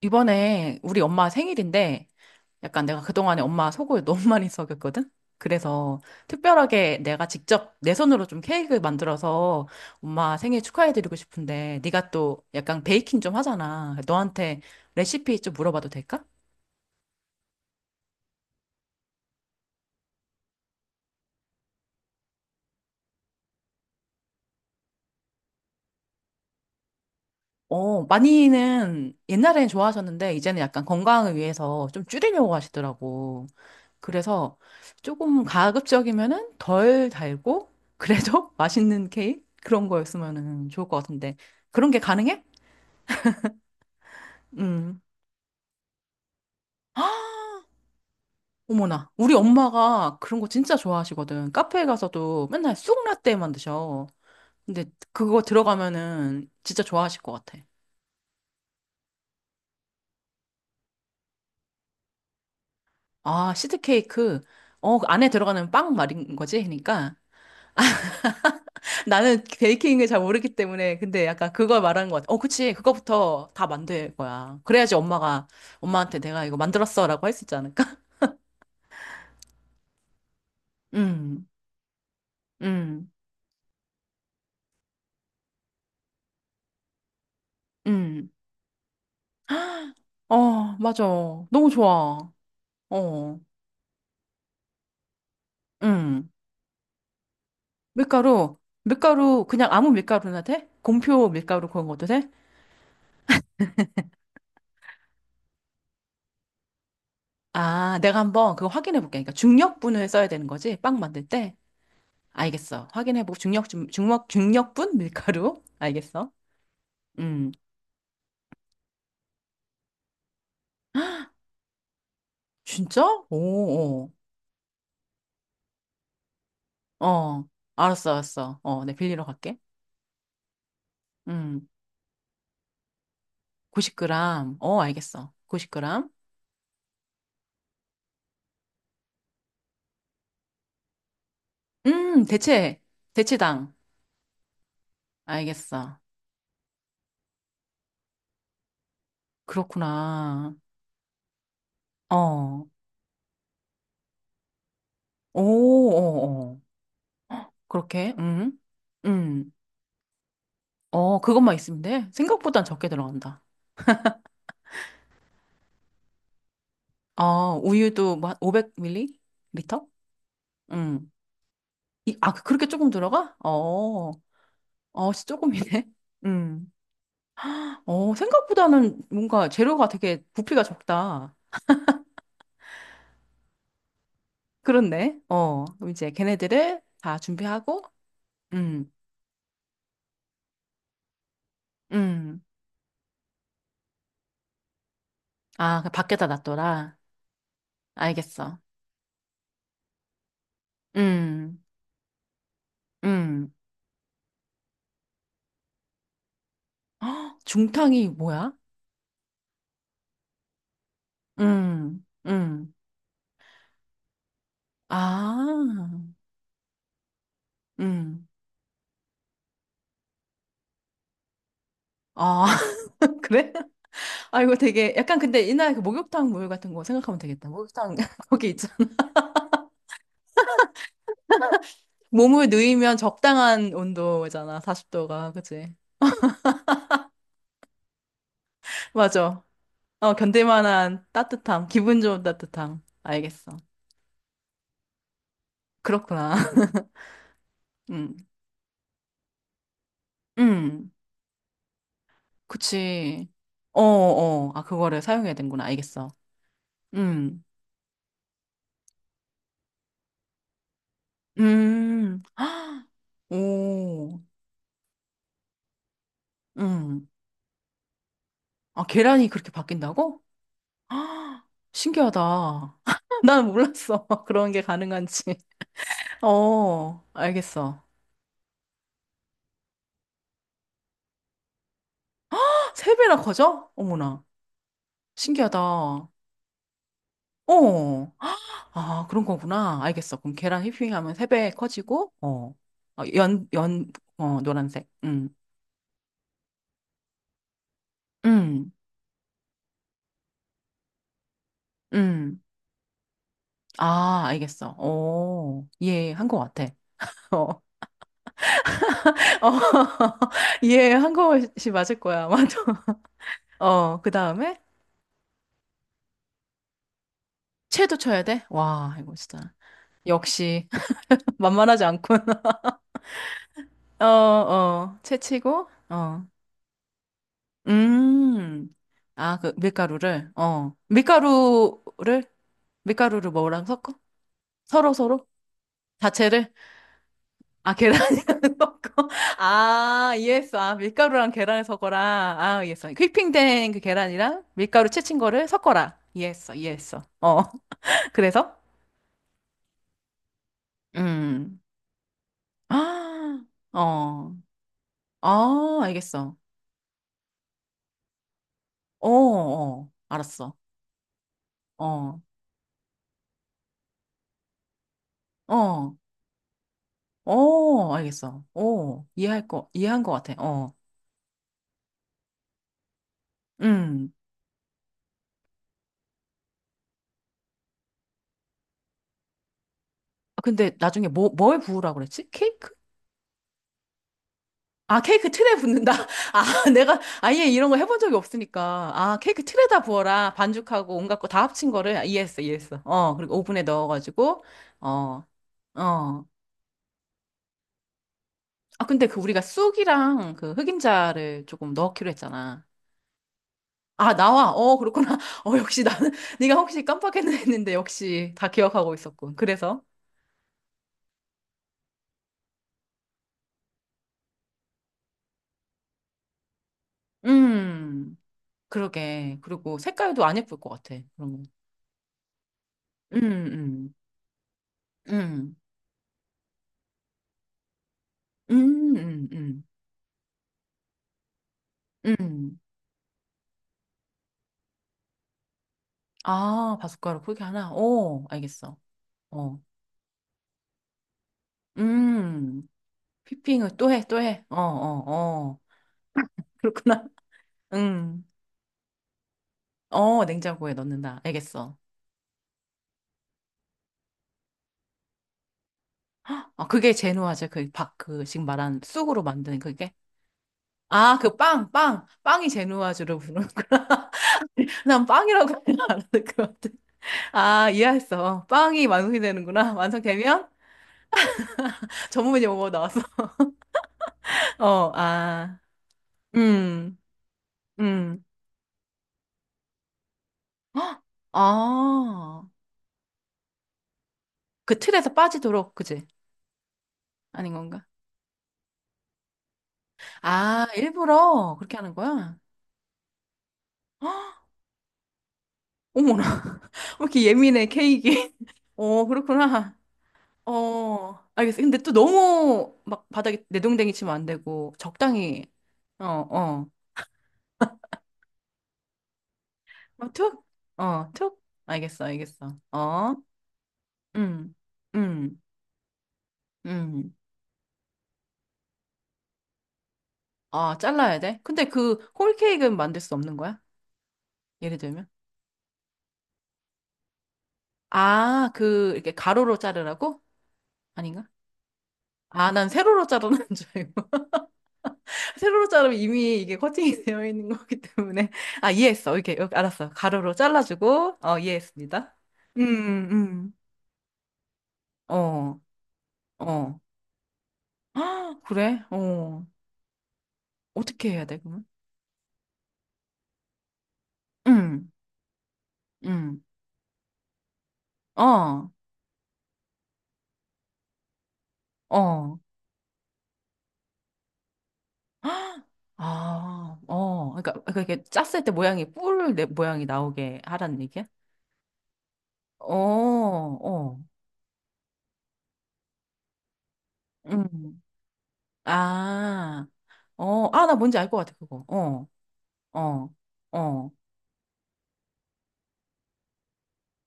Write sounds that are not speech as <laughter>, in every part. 이번에 우리 엄마 생일인데 약간 내가 그동안에 엄마 속을 <laughs> 너무 많이 썩였거든? 그래서 특별하게 내가 직접 내 손으로 좀 케이크 만들어서 엄마 생일 축하해드리고 싶은데 네가 또 약간 베이킹 좀 하잖아. 너한테 레시피 좀 물어봐도 될까? 어, 많이는 옛날에는 좋아하셨는데 이제는 약간 건강을 위해서 좀 줄이려고 하시더라고. 그래서 조금 가급적이면은 덜 달고 그래도 <laughs> 맛있는 케이크 그런 거였으면은 좋을 것 같은데 그런 게 가능해? 음. <gasps> 어머나, 우리 엄마가 그런 거 진짜 좋아하시거든. 카페에 가서도 맨날 쑥라떼만 드셔. 근데 그거 들어가면은 진짜 좋아하실 것 같아. 아, 시드케이크. 어, 그 안에 들어가는 빵 말인 거지? 그러니까 나는 베이킹을 잘 모르기 때문에 근데 약간 그걸 말하는 것 같아. 어, 그치. 그거부터 다 만들 거야. 그래야지 엄마가 엄마한테 내가 이거 만들었어라고 할 수 있지 않을까? <laughs> 음. 음. 음. 어, 맞아. 너무 좋아. 어. 음. 밀가루. 밀가루 그냥 아무 밀가루나 돼? 공표 밀가루 그런 것도 돼? 아, 내가 한번 그거 확인해 볼게. 그러니까 중력분을 써야 되는 거지. 빵 만들 때. 알겠어. 확인해 보고 중력 중 중력 중력분 밀가루. <laughs> 알겠어. 음. 진짜? 오, 오. 어, 알았어, 알았어. 어, 내 빌리러 갈게. 음, 90g. 어, 알겠어. 90g. 대체, 대체당. 알겠어. 그렇구나. 어, 오, 오, 오. 그렇게, 음. 어, 그것만 있으면 돼. 생각보단 적게 들어간다. 어, 우유도 뭐 500ml? 리터? 음. 이, 아, 그, 그렇게 조금 들어가? 어, 어, 조금이네. 음. 어, 생각보다는 뭔가 재료가 되게 부피가 적다. 그렇네. 어, 그럼 이제 걔네들을 다 준비하고, 음, 음. 아, 그 밖에다 놨더라. 알겠어. 음, 음. <gasps> 헉, 중탕이 뭐야? 음, 음. 아, 음. 아, <laughs> 그래? 아, 이거 되게, 약간 근데 옛날에 그 목욕탕 물 같은 거 생각하면 되겠다. 목욕탕, <laughs> 거기 있잖아. 몸을 누이면 적당한 온도잖아. 40도가. 그치? 맞아. 어, 견딜 만한 따뜻함, 기분 좋은 따뜻함. 알겠어. 그렇구나. <laughs> 음, 음, 그치. 어, 어, 아, 그거를 사용해야 되는구나. 알겠어. 음, 음, <gasps> 오, 음. 아, 계란이 그렇게 바뀐다고? <gasps> 아, 신기하다. <laughs> 난 몰랐어. <laughs> 그런 게 가능한지. <laughs> 어, 알겠어. <gasps> 세 배나 커져? 어머나. 신기하다. 어. 아, 그런 거구나. 알겠어. 그럼 계란 휘핑하면 세 배 커지고, 어, 어, 연, 연, 어, 노란색. 음, 음. 아, 알겠어. 오, 이해한 거 같아. 어, <laughs> 어, <laughs> 이해한 것이 맞을 거야. 맞아. <laughs> 어, 그 다음에, 채도 쳐야 돼? 와, 이거 진짜. 역시, <laughs> 만만하지 않군. <laughs> 어, 어, 채 치고, 어. 음. 아, 그 밀가루를 어. 밀가루를 뭐랑 섞어? 서로 서로? 자체를? 아, 계란이랑 <laughs> 섞어? 아, 이해했어. 아, 밀가루랑 계란을 섞어라. 아, 이해했어. 휘핑된 그 계란이랑 밀가루 채친 거를 섞어라. 이해했어. 이해했어. 어. <laughs> 그래서? 음. <gasps> 아, 어. 아, 알겠어. 어, 어. 알았어. 어. 어. 어, 알겠어. 이해한 거 같아. 어, 음. 아, 근데 나중에 뭐, 뭘 부으라고 그랬지? 케이크? 아, 케이크 틀에 붓는다. <laughs> 아, 내가 아예 이런 거 해본 적이 없으니까. 아, 케이크 틀에다 부어라. 반죽하고 온갖 거 다 합친 거를 이해했어, 이해했어. 어, 그리고 오븐에 넣어가지고, 어, 어. 아, 근데 그 우리가 쑥이랑 그 흑임자를 조금 넣기로 했잖아. 아, 나와. 어, 그렇구나. <laughs> 어, 역시 나는, 네가 혹시 깜빡했나 했는데 역시 다 기억하고 있었군. 그래서. 음. 그러게. 그리고 색깔도 안 예쁠 것 같아. 그런 거. 음, 음, 음, 음, 음, 음, 음. 아, 바숫가루 포기 하나? 오, 알겠어. 어, 음. 피핑을 또 해, 또 해. 어, 어, 어. <laughs> 그렇구나. 음. 어, 냉장고에 넣는다. 알겠어. 아, 그게 제누아제, 그, 박, 그, 지금 말한 쑥으로 만드는 그게? 아, 그 빵, 빵. 빵이 제누아제로 부르는구나. <laughs> 난 빵이라고 안 하는 것 같아. 아, 이해했어. 빵이 완성이 되는구나. <laughs> 완성되면 전문이 용어 나왔어. <laughs> 어, 아, 음, 음. 헉, 아, 그 틀에서 빠지도록, 그지? 아닌 건가? 아, 일부러 그렇게 하는 거야? <gasps> 헉, 어머나. <laughs> 왜 이렇게 예민해, 케이크. <laughs> 어, 그렇구나. 어, 알겠어. 근데 또 너무 막 바닥에 내동댕이 치면 안 되고, 적당히, 어, 어. 막 툭, 어, 툭. 알겠어, 알겠어. 어. 응 응 응 아, 잘라야 돼? 근데 그 홀케이크는 만들 수 없는 거야? 예를 들면? 아, 그, 이렇게 가로로 자르라고? 아닌가? 아, 난 세로로 자르는 줄 알고. <laughs> 세로로 자르면 이미 이게 커팅이 되어 있는 거기 때문에. 아, 이해했어. 이렇게, 이렇게 알았어. 가로로 잘라주고, 어, 이해했습니다. 음, 음. 어, 어. 아, 그래? 어. 어떻게 해야 돼, 그러면? 음, 음. 어, 어. 헉! 아, 어, 그러니까, 그러니까 이렇게 짰을 때 모양이 뿔 내- 모양이 나오게 하라는 얘기야? 어, 어, 음, 아, 어, 아, 나 뭔지 알 것 같아 그거. 어, 어, 어,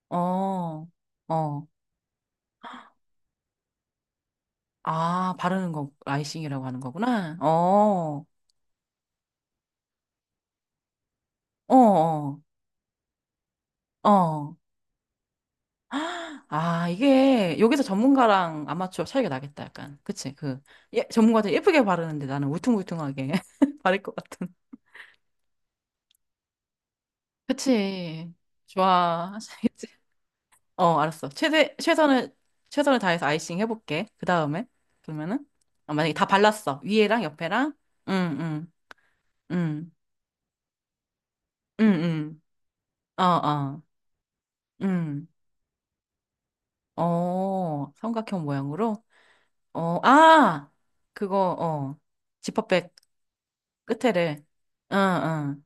어, 어, 아, 바르는 거 라이싱이라고 하는 거구나. 어, 어, 어, 어. 아, 이게 여기서 전문가랑 아마추어 차이가 나겠다, 약간. 그치? 그, 예, 전문가들 예쁘게 바르는데 나는 울퉁불퉁하게 <laughs> 바를 것 같은. 그치. 좋아하시겠지? 어, 알았어. 최선을 다해서 아이싱 해볼게. 그 다음에. 그러면은, 어, 만약에 다 발랐어. 위에랑 옆에랑. 응, 응, 응, 응, 응. 어, 어, 응. 어, 삼각형 모양으로. 어, 아! 그거, 어. 지퍼백 끝에를. 응, 응.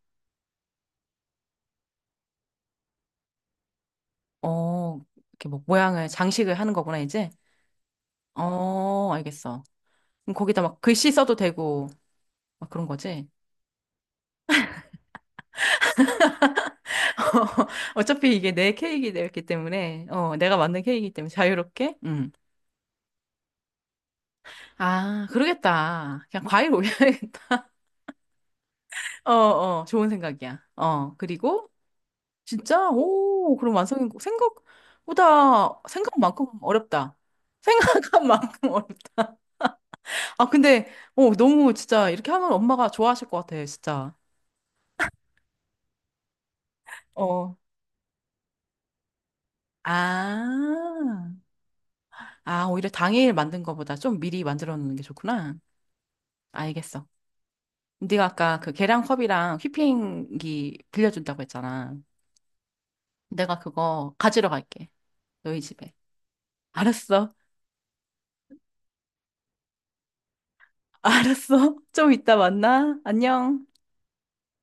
어, 이렇게 뭐, 모양을, 장식을 하는 거구나, 이제. 어, 알겠어. 그럼 거기다 막 글씨 써도 되고, 막 그런 거지? <laughs> 어차피 이게 내 케이크이기 때문에, 어, 내가 만든 케이크이기 때문에 자유롭게, 아, 그러겠다. 그냥 과일 올려야겠다. <laughs> 어, 어, 좋은 생각이야. 어, 그리고, 진짜, 오, 그럼 완성이 생각보다, 생각만큼 어렵다. 생각한 만큼 <laughs> 어렵다. 아, 근데, 어, 너무 진짜, 이렇게 하면 엄마가 좋아하실 것 같아, 진짜. 어. 아, 아, 오히려 당일 만든 거보다 좀 미리 만들어 놓는 게 좋구나. 알겠어. 네가 아까 그 계량컵이랑 휘핑기 빌려준다고 했잖아. 내가 그거 가지러 갈게. 너희 집에. 알았어. <laughs> 알았어. 좀 이따 만나. 안녕.